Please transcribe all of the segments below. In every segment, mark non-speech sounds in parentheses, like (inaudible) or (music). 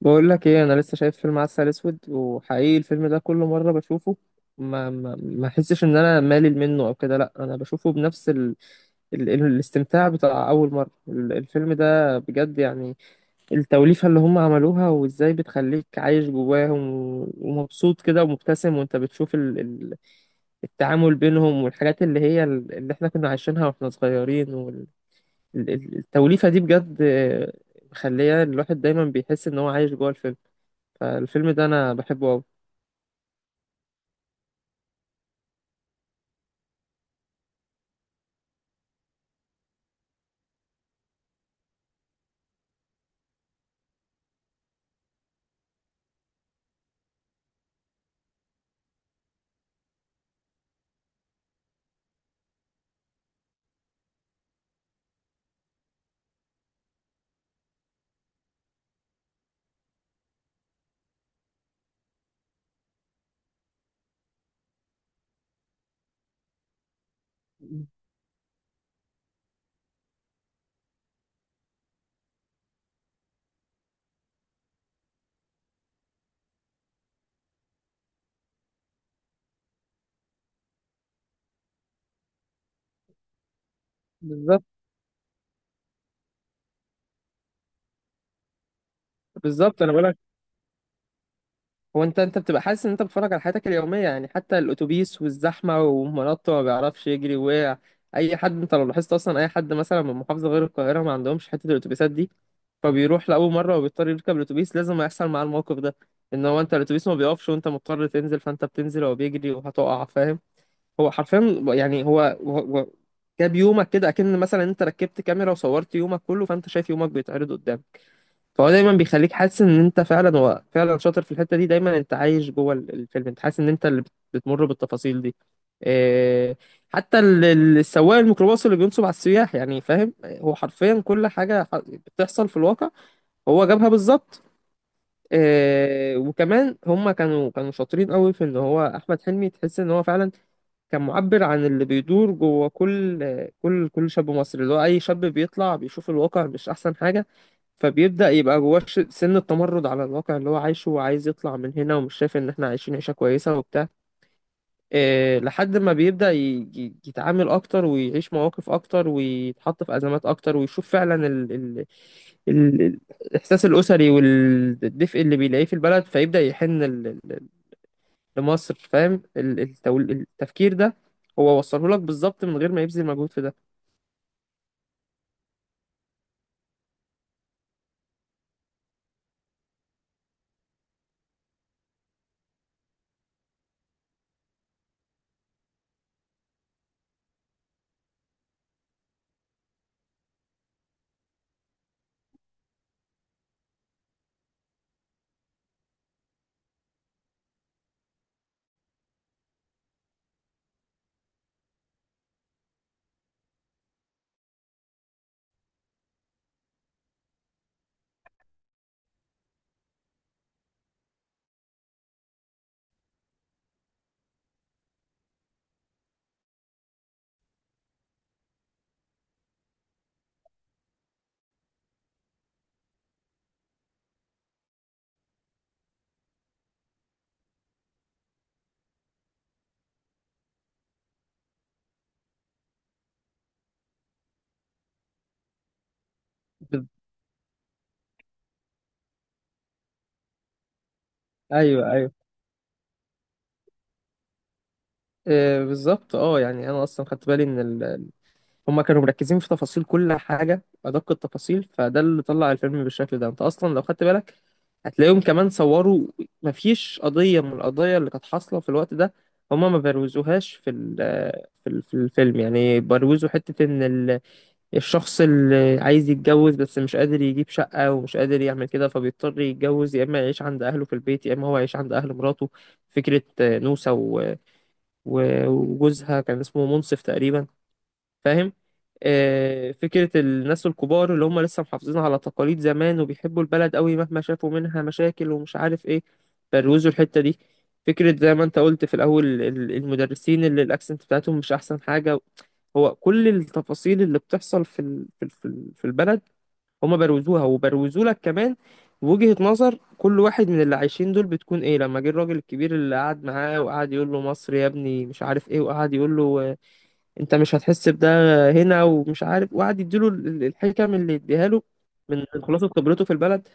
بقول لك ايه، انا لسه شايف فيلم عسل اسود، وحقيقي الفيلم ده كل مره بشوفه ما احسش ان انا مالل منه او كده. لا، انا بشوفه بنفس الاستمتاع بتاع اول مره. الفيلم ده بجد يعني التوليفه اللي هم عملوها، وازاي بتخليك عايش جواهم ومبسوط كده ومبتسم، وانت بتشوف التعامل بينهم والحاجات اللي هي اللي احنا كنا عايشينها واحنا صغيرين. والتوليفه دي بجد آه، مخليه الواحد دايما بيحس ان هو عايش جوه الفيلم. فالفيلم ده انا بحبه قوي. بالظبط. بالظبط انا بقولك، هو انت بتبقى حاسس ان انت بتتفرج على حياتك اليوميه يعني. حتى الاتوبيس والزحمه، ومنطه ما بيعرفش يجري ووقع اي حد. انت لو لاحظت، اصلا اي حد مثلا من محافظه غير القاهره ما عندهمش حته الاتوبيسات دي، فبيروح لاول مره وبيضطر يركب الاتوبيس. لازم يحصل معاه الموقف ده، ان هو انت الاتوبيس ما بيقفش، وانت مضطر تنزل، فانت بتنزل وهو بيجري وهتقع. فاهم؟ هو حرفيا يعني هو جاب يومك كده، اكن مثلا انت ركبت كاميرا وصورت يومك كله، فانت شايف يومك بيتعرض قدامك. فهو دايما بيخليك حاسس ان انت فعلا، هو فعلا شاطر في الحته دي. دايما انت عايش جوه الفيلم. انت حاسس ان انت اللي بتمر بالتفاصيل دي. إيه، حتى السواق الميكروباص اللي بينصب على السياح يعني. فاهم؟ هو حرفيا كل حاجه بتحصل في الواقع هو جابها بالظبط. إيه، وكمان هما كانوا شاطرين قوي في ان هو احمد حلمي تحس ان هو فعلا كان معبر عن اللي بيدور جوه كل شاب مصري. اللي هو اي شاب بيطلع بيشوف الواقع مش احسن حاجه، فبيبدأ يبقى جواه سن التمرد على الواقع اللي هو عايشه، وعايز يطلع من هنا ومش شايف ان احنا عايشين عيشة كويسة وبتاع. إيه، لحد ما بيبدأ يتعامل اكتر، ويعيش مواقف اكتر، ويتحط في ازمات اكتر، ويشوف فعلا ال ال- الاحساس الاسري والدفء اللي بيلاقيه في البلد، فيبدأ يحن لمصر. فاهم التفكير ده هو وصله لك بالظبط من غير ما يبذل مجهود في ده. بال- ايوه ايوه. إيه بالظبط. اه يعني انا اصلا خدت بالي ان ال، هما كانوا مركزين في تفاصيل كل حاجة، أدق التفاصيل. فده اللي طلع الفيلم بالشكل ده. أنت أصلا لو خدت بالك هتلاقيهم كمان صوروا، مفيش قضية من القضايا اللي كانت حاصلة في الوقت ده هما ما بروزوهاش في الفيلم يعني. بروزوا حتة إن الشخص اللي عايز يتجوز بس مش قادر يجيب شقة ومش قادر يعمل كده، فبيضطر يتجوز يا إما يعيش عند أهله في البيت يا إما هو يعيش عند أهل مراته. فكرة آه، نوسة وجوزها كان اسمه منصف تقريبا. فاهم؟ آه، فكرة الناس الكبار اللي هم لسه محافظين على تقاليد زمان وبيحبوا البلد قوي مهما شافوا منها مشاكل ومش عارف ايه، بروزوا الحتة دي. فكرة زي ما انت قلت في الأول المدرسين اللي الأكسنت بتاعتهم مش أحسن حاجة. هو كل التفاصيل اللي بتحصل في البلد هم بروزوها، وبروزوا لك كمان وجهة نظر كل واحد من اللي عايشين دول بتكون ايه. لما جه الراجل الكبير اللي قعد معاه وقعد يقول له مصر يا ابني مش عارف ايه، وقعد يقول له انت مش هتحس بده هنا ومش عارف، وقعد يديله الحكم اللي يديها له من خلاصه خبرته في البلد.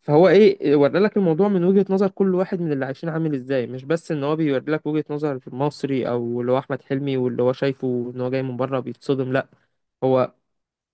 فهو ايه، ورى لك الموضوع من وجهة نظر كل واحد من اللي عايشين عامل ازاي. مش بس ان هو بيوري لك وجهة نظر مصري او اللي هو احمد حلمي واللي هو شايفه ان هو جاي من بره بيتصدم، لا. هو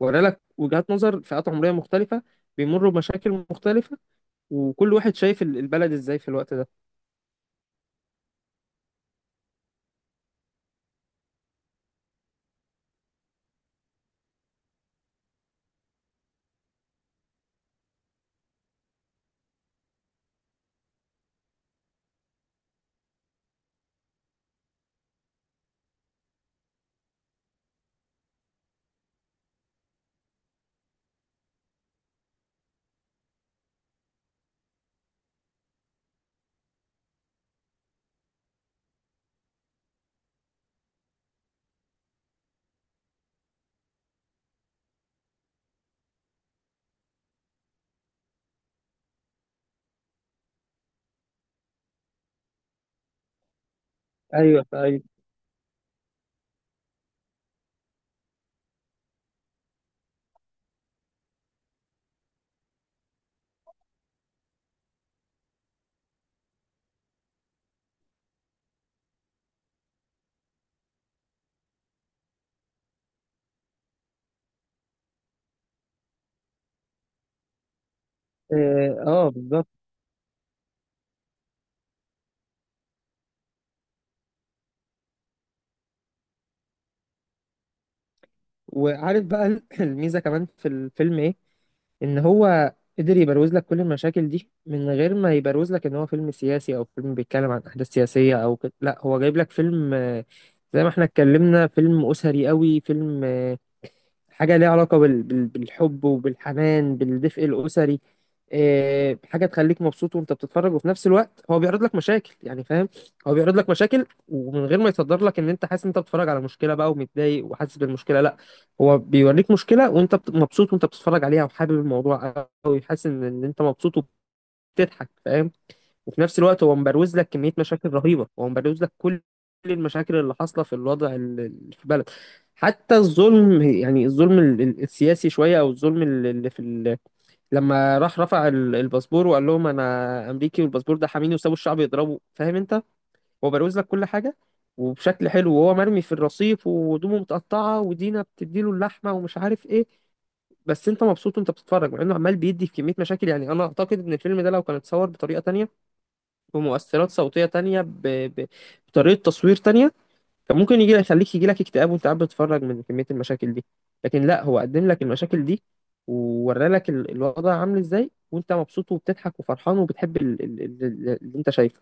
ورى لك وجهات نظر فئات عمرية مختلفة بيمروا بمشاكل مختلفة، وكل واحد شايف البلد ازاي في الوقت ده. ايوه ايوه. اه آه، بالظبط. وعارف بقى (clears throat) الميزة كمان في الفيلم ايه؟ ان هو قدر يبروز لك كل المشاكل دي من غير ما يبروز لك ان هو فيلم سياسي، او فيلم بيتكلم عن احداث سياسية او كده. لا، هو جايب لك فيلم آه، زي ما احنا اتكلمنا، فيلم اسري قوي. فيلم آه، حاجة ليها علاقة بالحب وبالحنان بالدفء الأسري. آه، حاجة تخليك مبسوط وأنت بتتفرج، وفي نفس الوقت هو بيعرض لك مشاكل يعني. فاهم؟ هو بيعرض لك مشاكل، ومن غير ما يصدر لك إن أنت حاسس إن أنت بتتفرج على مشكلة بقى ومتضايق وحاسس بالمشكلة، لا. هو بيوريك مشكلة وأنت مبسوط وأنت بتتفرج عليها وحابب الموضوع أوي، حاسس إن أنت مبسوط وبتضحك. فاهم؟ وفي نفس الوقت هو مبروز لك كمية مشاكل رهيبة. هو مبروز لك كل المشاكل اللي حاصلة في الوضع في البلد. حتى الظلم يعني، الظلم السياسي شوية، أو الظلم اللي في ال، لما راح رفع الباسبور وقال لهم أنا أمريكي والباسبور ده حاميني وسابوا الشعب يضربه. فاهم أنت؟ هو بروز لك كل حاجة وبشكل حلو. وهو مرمي في الرصيف وهدومه متقطعة ودينا بتديله اللحمة ومش عارف إيه، بس أنت مبسوط وأنت بتتفرج، مع إنه عمال بيدي في كمية مشاكل يعني. أنا أعتقد إن الفيلم ده لو كان اتصور بطريقة تانية، بمؤثرات صوتية تانية، بطريقة تصوير تانية، كان ممكن يجي لك يخليك، يجي لك اكتئاب وانت قاعد بتتفرج من كمية المشاكل دي. لكن لا، هو قدم لك المشاكل دي وورى لك الوضع عامل ازاي، وانت مبسوط وبتضحك وفرحان وبتحب اللي انت شايفه.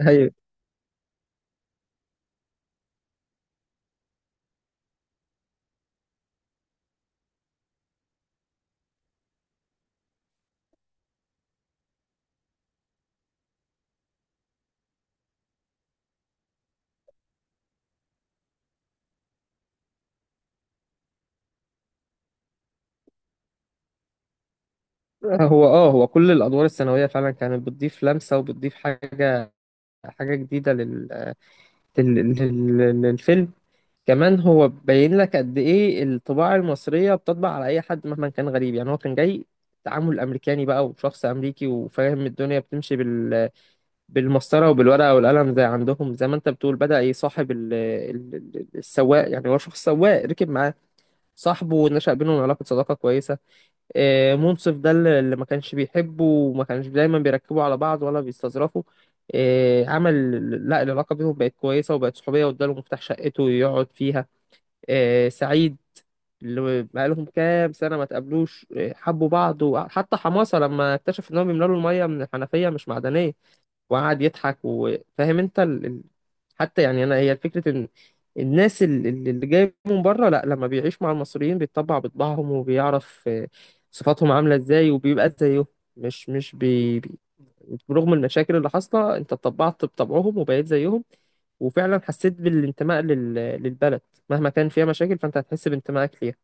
ايوه. هو اه، هو كل الادوار الثانويه فعلا كانت بتضيف لمسه وبتضيف حاجه، حاجه جديده للفيلم. كمان هو باين لك قد ايه الطباع المصرية بتطبع على اي حد مهما كان غريب يعني. هو كان جاي تعامل امريكاني بقى وشخص امريكي وفاهم الدنيا بتمشي بالمسطرة وبالورقة والقلم زي عندهم. زي ما انت بتقول، بدأ يصاحب السواق يعني. هو شخص سواق ركب معاه، صاحبه ونشأ بينهم علاقة صداقة كويسة. آه، منصف ده اللي ما كانش بيحبه وما كانش دايما بيركبوا على بعض ولا بيستظرفوا، آه، عمل، لا العلاقة بينهم بقت كويسة وبقت صحوبية واداله مفتاح شقته يقعد فيها. آه، سعيد اللي بقالهم كام سنة ما تقابلوش، آه، حبوا بعض. وحتى حماسة لما اكتشف إن هو بيملى له المية من الحنفية مش معدنية وقعد يضحك. وفاهم أنت حتى يعني، أنا هي فكرة إن الناس اللي جاية من بره، لا، لما بيعيش مع المصريين بيتطبع بطباعهم وبيعرف آه، صفاتهم عاملة إزاي وبيبقى زيهم. مش مش بي... برغم المشاكل اللي حاصله انت اتطبعت بطبعهم وبقيت زيهم، وفعلا حسيت بالانتماء للبلد. مهما كان فيها مشاكل فانت هتحس بانتمائك ليها.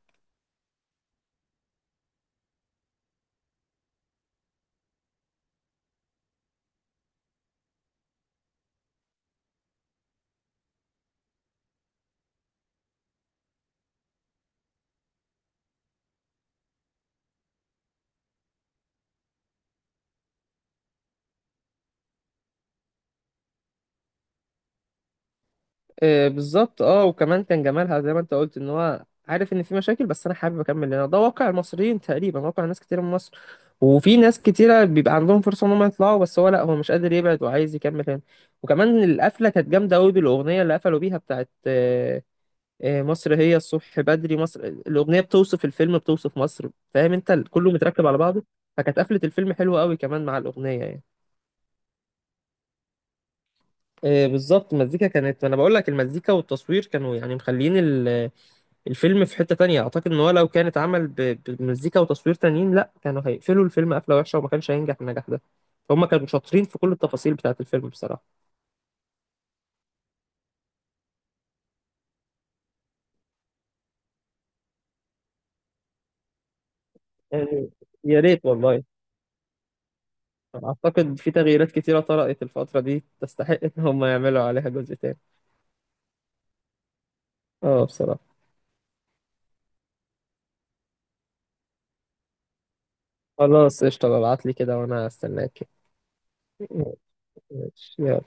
آه بالظبط. اه، وكمان كان جمالها زي ما انت قلت ان هو عارف ان في مشاكل، بس انا حابب اكمل، هنا ده واقع المصريين تقريبا، واقع ناس كتير من مصر. وفي ناس كتيرة بيبقى عندهم فرصة ان هم يطلعوا، بس هو لا، هو مش قادر يبعد وعايز يكمل هنا. وكمان القفلة كانت جامدة قوي بالأغنية اللي قفلوا بيها بتاعت آه، آه، مصر هي الصبح بدري. مصر الأغنية بتوصف الفيلم، بتوصف مصر. فاهم انت؟ كله متركب على بعضه. فكانت قفلة الفيلم حلوة قوي كمان مع الأغنية يعني. آه، بالظبط. المزيكا كانت، انا بقول لك، المزيكا والتصوير كانوا يعني مخليين الفيلم في حتة تانية. اعتقد ان هو لو كانت عمل بمزيكا وتصوير تانيين، لا، كانوا هيقفلوا الفيلم قفلة وحشة وما كانش هينجح النجاح ده. فهم كانوا شاطرين في كل التفاصيل بتاعة الفيلم بصراحة. يعني يا ريت والله. اعتقد في تغييرات كتيرة طرأت الفترة دي تستحق ان هم يعملوا عليها جزء تاني. اه بصراحة. خلاص قشطة، ابعتلي كده وانا استناك. ماشي، يلا.